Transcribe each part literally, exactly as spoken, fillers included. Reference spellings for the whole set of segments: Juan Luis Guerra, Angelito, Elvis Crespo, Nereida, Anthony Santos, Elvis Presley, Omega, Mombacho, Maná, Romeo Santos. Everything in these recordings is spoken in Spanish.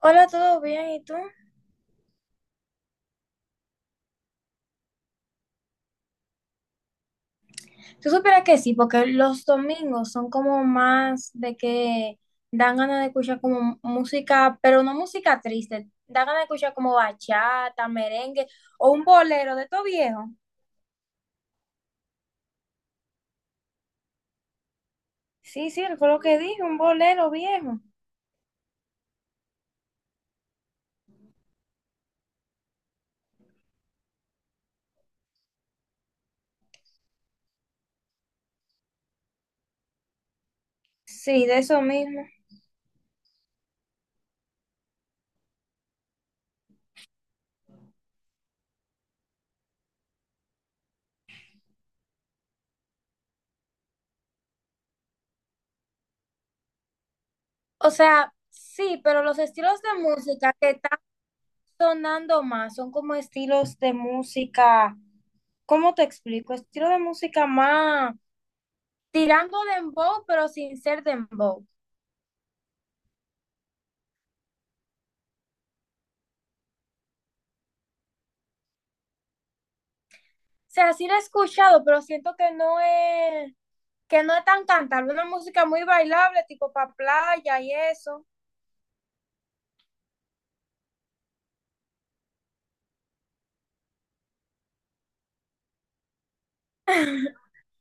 Hola, ¿todo bien? ¿Y tú? Tú supieras que sí, porque los domingos son como más de que dan ganas de escuchar como música, pero no música triste, dan ganas de escuchar como bachata, merengue o un bolero de todo viejo. Sí, sí, fue lo que dije, un bolero viejo. Sí, de eso mismo. O sea, sí, pero los estilos de música que están sonando más son como estilos de música, ¿cómo te explico? Estilo de música más tirando dembow, pero sin ser dembow. O sea, sí la he escuchado, pero siento que no es, que no es tan cantable, una música muy bailable, tipo para playa y eso.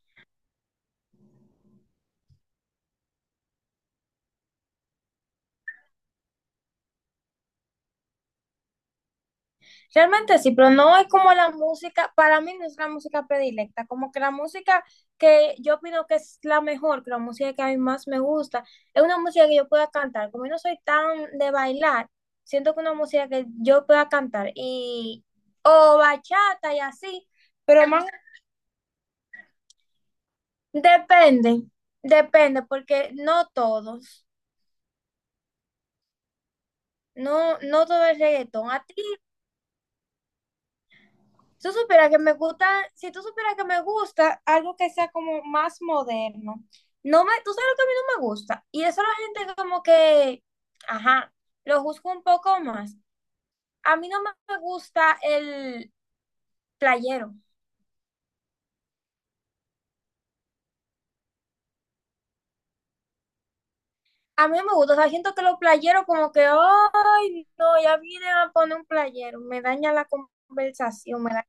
Realmente sí, pero no es como la música, para mí no es la música predilecta, como que la música que yo opino que es la mejor, que la música que a mí más me gusta, es una música que yo pueda cantar, como yo no soy tan de bailar, siento que una música que yo pueda cantar y o bachata y así, pero más. Depende, depende, porque no todos, no, no todo el reggaetón. A ti, si tú supieras que me gusta, si tú supieras que me gusta algo que sea como más moderno, no me, tú sabes lo que a mí no me gusta, y eso la gente como que, ajá, lo juzga un poco más. A mí no me me gusta el playero, a mí no me gusta, o sea, siento que los playeros como que, ay, no, ya vienen a poner un playero, me daña la conversación, me da,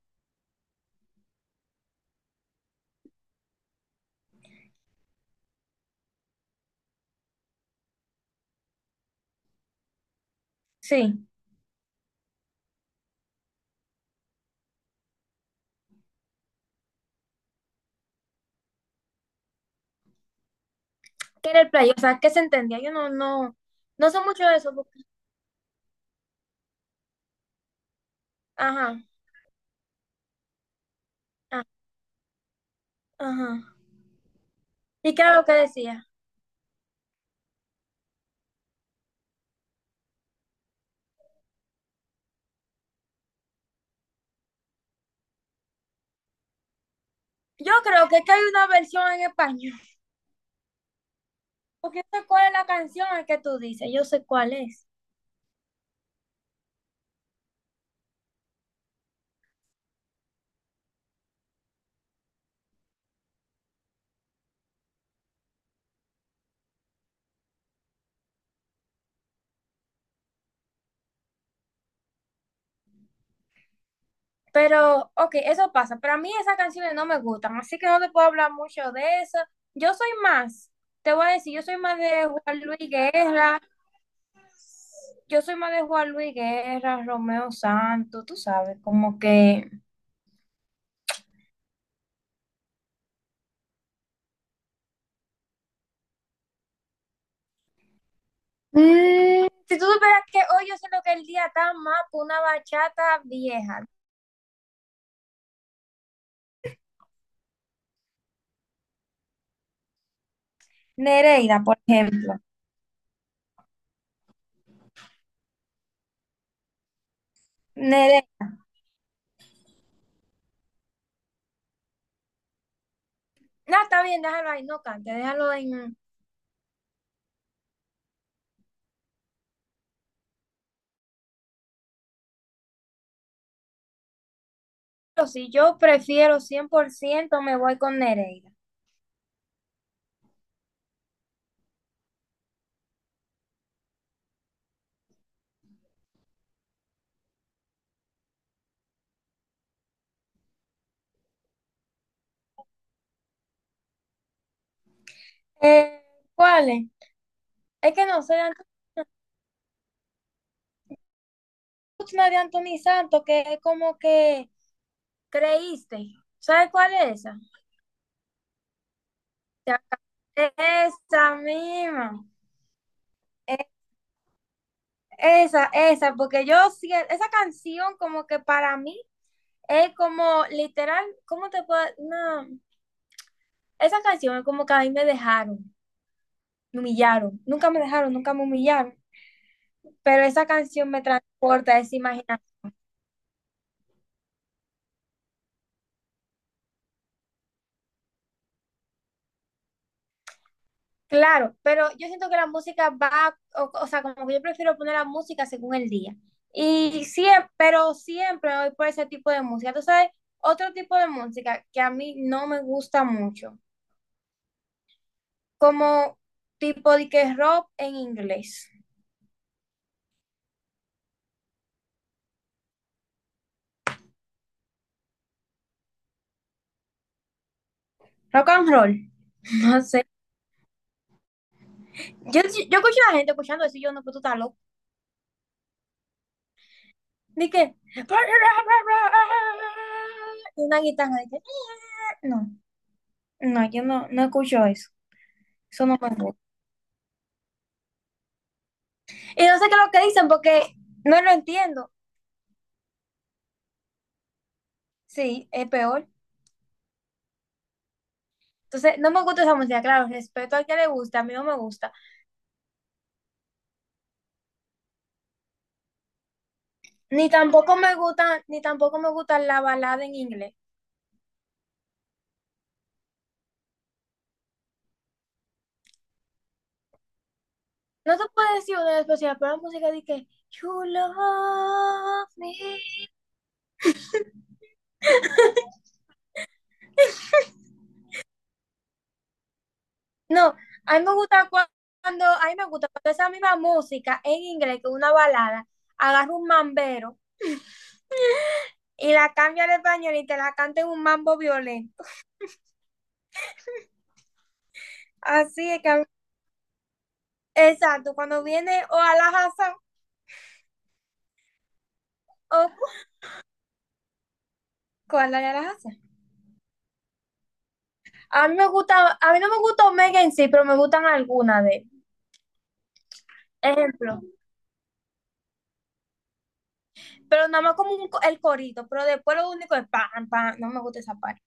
sí. Que era el play, o sea, que se entendía. Yo no, no, no sé mucho de eso, porque Ajá, ah, ajá. ¿Y qué era lo que decía? Yo creo que, que hay una versión en español, porque yo sé cuál es la canción que tú dices, yo sé cuál es. Pero, ok, eso pasa. Pero a mí esas canciones no me gustan, así que no te puedo hablar mucho de eso. Yo soy más, te voy a decir, yo soy más de Juan Luis Guerra, yo soy más de Juan Luis Guerra, Romeo Santos, tú sabes, como que Mm, si tú supieras que hoy yo siento que el día está más por una bachata vieja. Nereida, por ejemplo. Nereida. No, está bien, déjalo ahí, no cante, déjalo en... Pero si yo prefiero cien por ciento me voy con Nereida. Eh, ¿cuál es? Es que no sé, la última de Anthony Santos, que es como que creíste. ¿Sabes cuál es esa? Te acabé. Esa misma. Eh, Esa, esa, porque yo siento, esa canción como que para mí es como, literal, ¿cómo te puedo...? No, esa canción es como que a mí me dejaron, me humillaron. Nunca me dejaron, nunca me humillaron. Pero esa canción me transporta a esa imaginación. Claro, pero yo siento que la música va, o, o sea, como que yo prefiero poner la música según el día. Y siempre, pero siempre voy por ese tipo de música. Tú sabes, otro tipo de música que a mí no me gusta mucho, como tipo de que rock en inglés, rock and roll, no sé. Yo, sí, yo escucho a la gente escuchando eso y yo no, pero tú estás loco. ¿De qué? Y una guitarra, de que, "Ah, no, no, yo no, no escucho eso. Eso no me gusta. Y no sé qué es lo que dicen porque no lo entiendo. Sí, es peor. Entonces, no me gusta esa música, claro, respeto al que le gusta, a mí no me gusta. Ni tampoco me gusta, ni tampoco me gusta la balada en inglés. No te puedo decir una especial, pero si la música de que, you love me. No, a mí me gusta cua- cuando, a mí me gusta cuando esa misma música en inglés, que es una balada, agarra un mambero y la cambia al español y te la canta en un mambo violento. Así es que, a mí exacto, cuando viene o a la Hazán, o ¿cuál era la Hazán? A mí me gusta, a mí no me gusta Omega en sí, pero me gustan algunas de él. Ejemplo, pero nada más como un co- el corito, pero después lo único es pam, pam, no me gusta esa parte.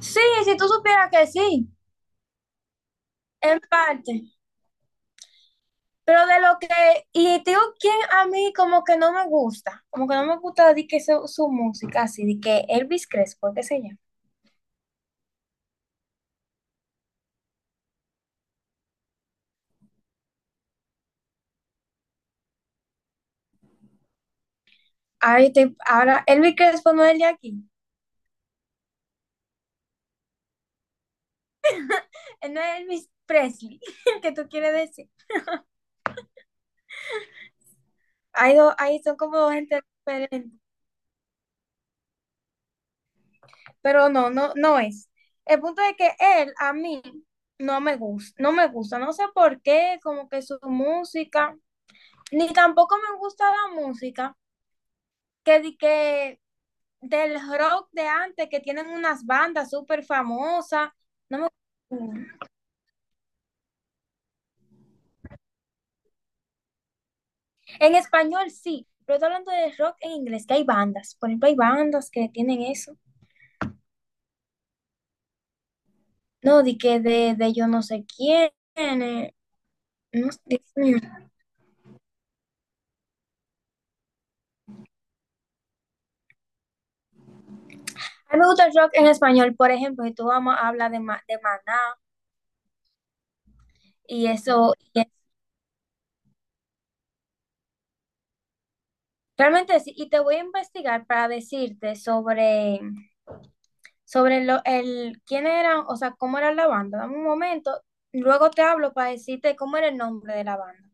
Sí, si tú supieras que sí, en parte. Pero de lo que, y te digo quién a mí como que no me gusta, como que no me gusta de que su, su música, así, de que Elvis Crespo, qué sé yo. Ahora, estoy- ahora, Elvis Crespo no es el de aquí, él no es Elvis Presley, que tú quieres decir. Ahí, do- ahí son como dos gente diferente, pero no, no, no es. El punto es que él a mí no me gusta, no me gusta, no sé por qué, como que su música, ni tampoco me gusta la música que, di que del rock de antes, que tienen unas bandas súper famosas. En español sí, pero estoy hablando de rock en inglés, que hay bandas. Por ejemplo, hay bandas que tienen eso. No, di que de, de yo no sé quién. eh, no, Dios mío. A mí me gusta el rock en español, por ejemplo, si tú vamos a hablar de, Ma- de Maná y eso, y realmente sí, y te voy a investigar para decirte sobre, sobre lo, el, quién era, o sea, cómo era la banda. Dame un momento, luego te hablo para decirte cómo era el nombre de la banda.